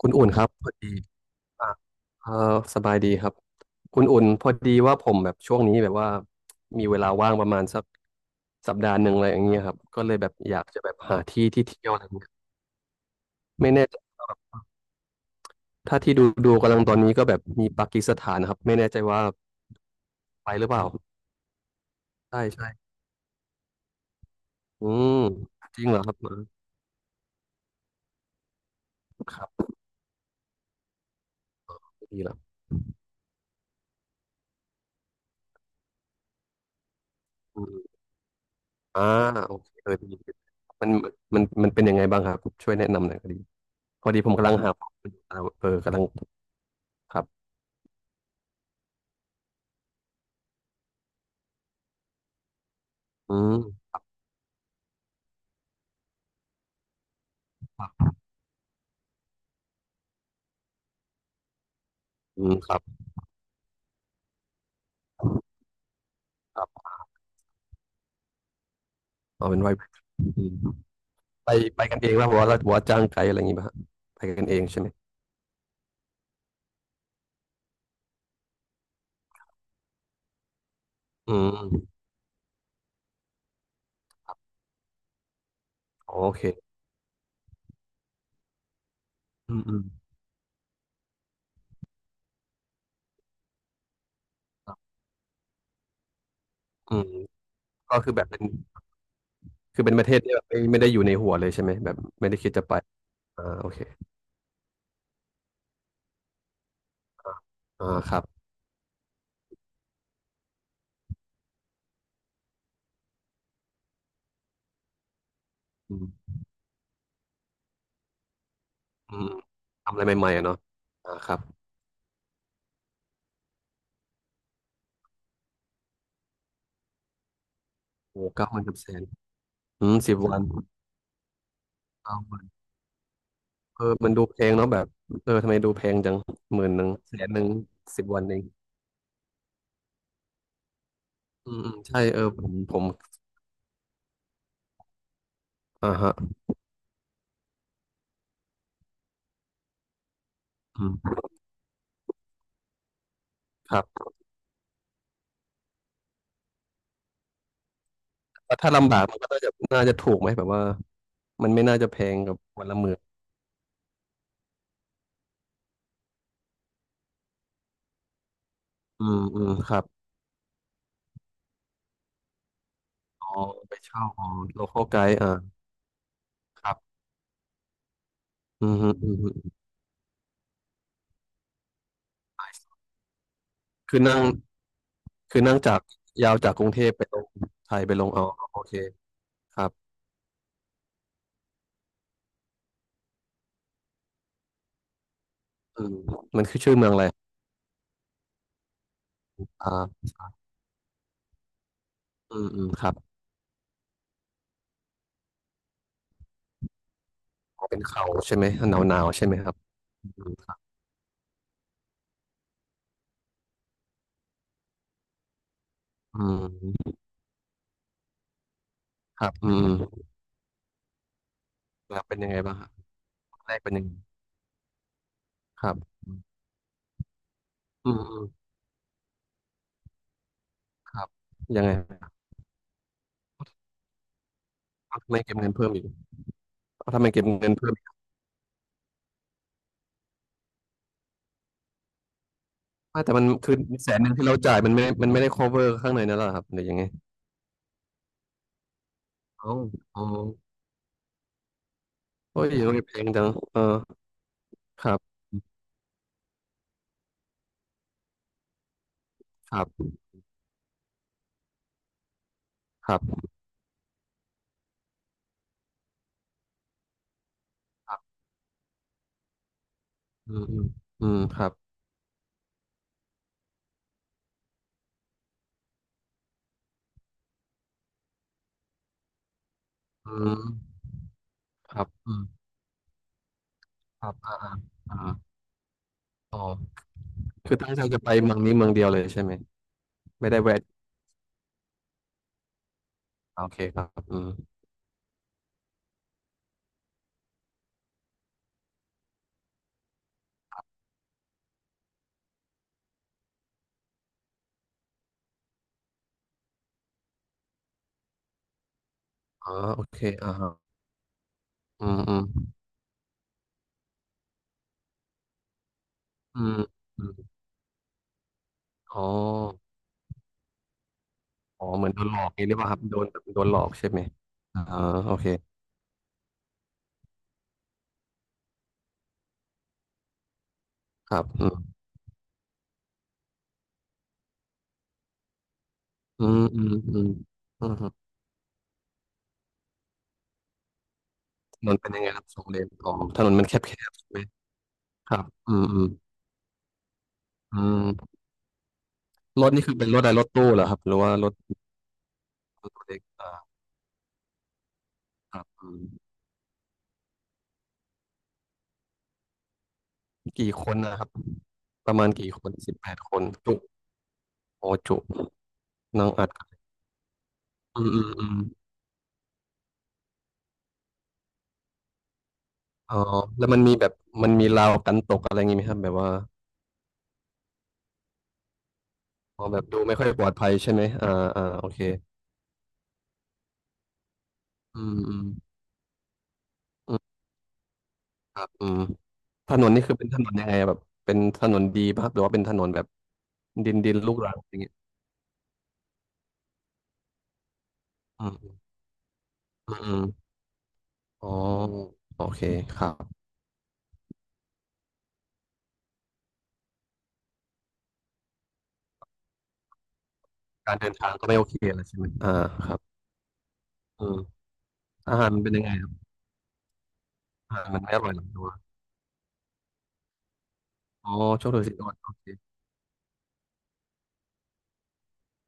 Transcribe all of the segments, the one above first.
คุณอุ่นครับพอดีอ่ะเออสบายดีครับคุณอุ่นพอดีว่าผมแบบช่วงนี้แบบว่ามีเวลาว่างประมาณสักสัปดาห์หนึ่งอะไรอย่างเงี้ยครับก็เลยแบบอยากจะแบบหาที่ที่เที่ยวอะไรเงี้ยไม่แน่ใจถ้าที่ดูดูกำลังตอนนี้ก็แบบมีปากีสถานนะครับไม่แน่ใจว่าไปหรือเปล่าใช่ใช่อืมจริงเหรอครับอ่าครับดีแล้วอืมอ่าโอเคเออดีดีมันมันเป็นยังไงบ้างครับช่วยแนะนำหน่อยก็ดีพอดีผมกำลังหาเออกำลังครับ อืมอืมครับครับเอาเป็นว่าไปไปกันเองแล้วหัวเราหัวจ้างไกด์อะไรอย่างงี้ป่ะฮะไปกันเองใช่ไหมอืมโอเคอืมอืมครับอืมก็คือแบบเป็นคือเป็นประเทศที่แบบไม่ไม่ได้อยู่ในหัวเลยใช่ไหมแบบไม่ได้คิดจะไปอ่าโอเคอ่าอ่าครับอืมอืมทำอะไรใหม่ๆอะเนาะอ่าครับโอ้เก้าวันกับแสนอืมสิบวันเก้าวันเออมันดูแพงเนาะแบบเออทำไมดูแพงจังหมื่นหนึ่งแสนหนึ่งสิบวันเองอืมอืมใช่เออผมอ่าฮะ อืมครับแต่ถ้าลำบากมันก็น่าจะน่าจะถูกไหมแบบว่ามันไม่น่าจะแพงกับวันละหมื่นอืมอืมครับอ๋อไปเช่าอ๋อ local guide อ่าครับอืมฮึอืมฮึคือนั่งคือนั่งจากยาวจากกรุงเทพไปลงไทยไปลงอ๋อโอเคครับอืมมันคือชื่อเมืองอะไรอ่าอืมอืมครับอ๋อเป็นเขาใช่ไหมหนาวหนาวใช่ไหมครับอืมครับอืมครับอืมแล้วเป็นยังไงบ้างครับแรกเป็นยังไงครับอืมอืมครับยังไงครับไม่เก็บเงินเพิ่มอีก เอาทำไมเก็บเงินเพิ่มไม่แต่มันคือแสนหนึ่งที่เราจ่ายมันไม่มันไม่ได้ cover ข้างในนั่นหรอครับหรือยังไงอ๋ออ๋อโอ้ยโรงเรียนแพงจังเออครับครับครับครับอืมอืมอืมครับอืมครับอืมครับอ่าอ่าอ่าอ๋อคือตั้งใจจะไปเมืองนี้เมืองเดียวเลยใช่ไหมไม่ได้แวะอ่าโอเคครับอืมอ๋อโอเคอ่าฮะอืมอืมอืมอืมอ๋ออ๋อเหมือนโดนหลอกนี่หรือเปล่าครับโดนโดนหลอกใช่ไหมอ่า๋อโอเคครับอื อืมอืมอืมอืมครับถนนเป็นยังไงครับสองเลนอ๋อถนนมันแคบๆใช่ไหมครับอืมอืมอืมรถนี่คือเป็นรถอะไรรถตู้เหรอครับหรือว่ารถตัวเล็กอ่าครับอืมกี่คนนะครับประมาณกี่คนสิบแปดคนจุโอจุนั่งอัดครับอืมอืมอืมอ๋อแล้วมันมีแบบมันมีราวกันตกอะไรอย่างงี้ไหมครับแบบว่าอ๋อแบบดูไม่ค่อยปลอดภัยใช่ไหมอ่าอ่าโอเคอืมอืมอืมครับอืม ถนนนี่คือเป็นถนนยังไงอะแบบเป็นถนนดีป่ะครับหรือว่าเป็นถนนแบบดินดินลูกรังอย่างเงี้ยอืมอืมอมอ๋อโอเคครับการเดินทางก็ไม่โอเคอะไรใช่ไหมอ่าครับอืมอาหารมันเป็นยังไงครับอาหารมันไม่อร่อยหรอหรือว่าอ๋อช่วงถือศีลอดโอเค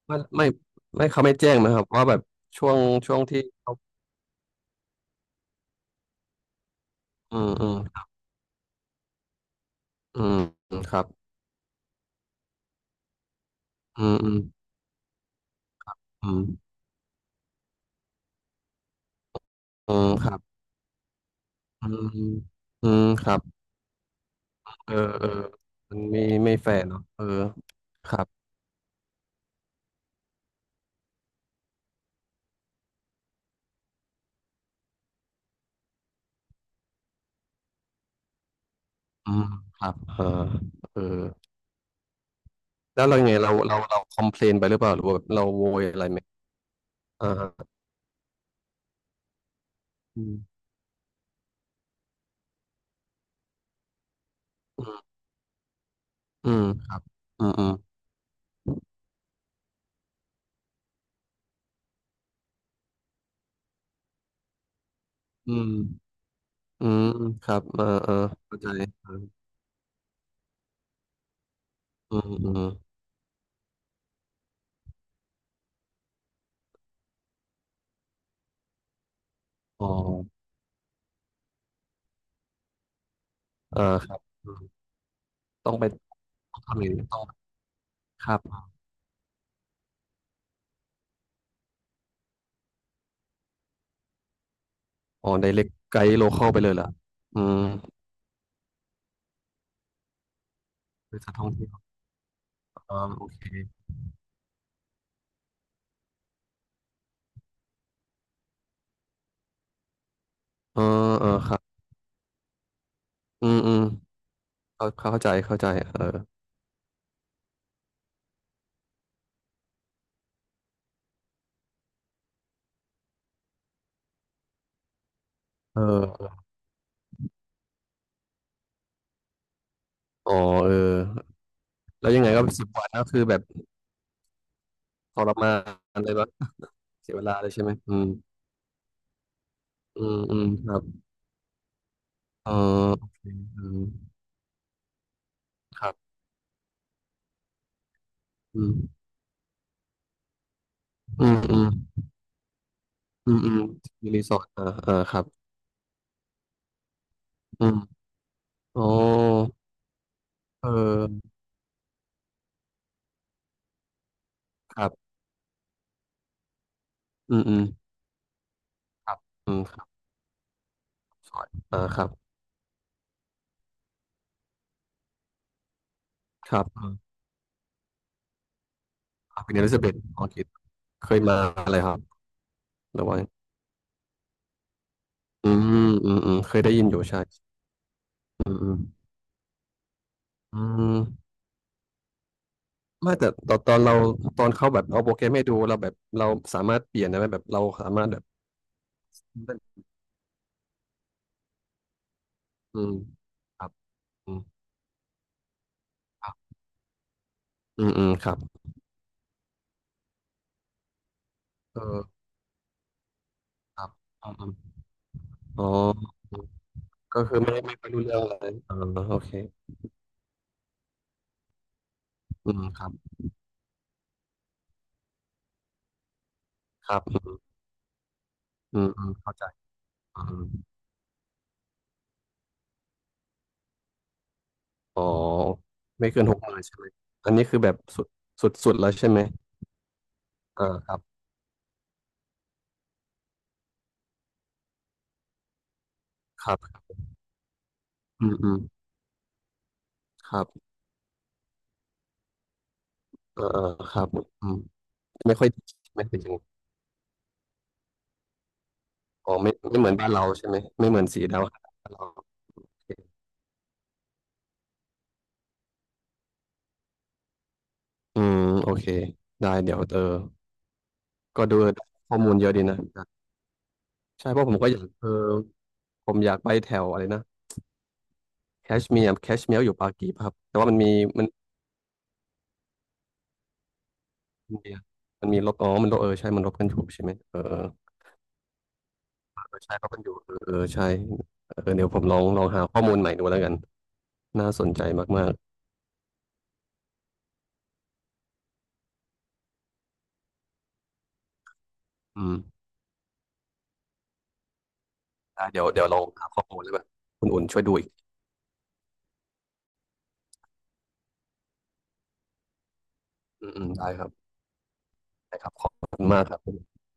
ไม่ไม่ไม่เขาไม่แจ้งนะครับว่าแบบช่วงช่วงที่เขาอืมอืมอืมอืมครับอืมอืมอืมอืมครับอืมอืมครับเออเออมันไม่ไม่แฟร์เนาะเออครับ อืมครับอ่าเออแล้วเรายังไงเราคอมเพลนไปหรือเปล่าหรือว่าแบบเราโวยอะไรไหมอ่าฮะอืมอืมอืมครับอืมอืมอืมอืมครับเออเออเข้าใจเอออืมอืมอ๋ออ่าครับอืมต้องไปต้องทำอย่างนี้ต้องครับอ๋อไดเรกไกด์โลคอลไปเลยเหรออืมบปิษัท่องเที่ยวอ่าโอเคเออเออครับอืมอืมเข้าเข้าใจเข้าใจเออเอออ๋อเออแล้วยังไงก็สิบวันก็คือแบบ ทรมานเลยแบบเสียเวลาเลยใช่ไหมอืมอืมอืมครับเออโอเคอืมครับอืมอืมอืมอืมอืมมีรีสอร์ทอ่าอ่าครับอืมโอ้เออครับอืมอืมครับอืมครับสวยอ่าครับครับเอออ่าคุณเอลิซาเบธออรคิดเคยมาอะไรครับหรือว่าอืมอืมอืมเคยได้ยินอยู่ใช่อืมอืมอืมไม่แต่ตอนตอนเราตอนเขาแบบเอาโปรแกรมให้ดูเราแบบเราสามารถเปลี่ยนได้ไหมแบบเราสามารถแบบ อืมครับอืมครับอืมอืมครับเออครับอืมอืมอ๋ออืมก็คือไม่ไม่ค่อยรู้เรื่องเลยเออโอเคอืมครับครับอืมอืมอืมเข้าใจอืมอ๋อไม่เกินหกหมื่นใช่ไหมอันนี้คือแบบสุดสุดสุดแล้วใช่ไหมเออครับครับอืมอืมครับเออเออครับอืมไม่ค่อยไม่เป็นอย่างอ๋อไม่ไม่เหมือนบ้านเราใช่ไหมไม่เหมือนสีดาวบ้านเราโอเคอืมโอเคได้เดี๋ยวเออก็ดูข้อมูลเยอะดีนะ ใช่เพราะผมก็อยากเออผมอยากไปแถวอะไรนะแคชเมียร์แคชเมียร์อยู่ปากีป่ะครับแต่ว่ามันมีมันมันมีมันมีลบอ๋อมันลบเออใช่มันลบกันอยู่ใช่ไหมเออเออเออใช่ลบกันอยู่เออเออใช่เออเดี๋ยวผมลองลองหาข้อมูลใหม่ดูแล้วกันน่าสนใจมากๆอืมได้เดี๋ยวเดี๋ยวลองหาข้อมูลแล้วแบบคุณอุ่นช่วยดูอีกอืมอืมได้ครับได้ครับขอบคุณมากครับ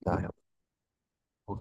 ได้ครับ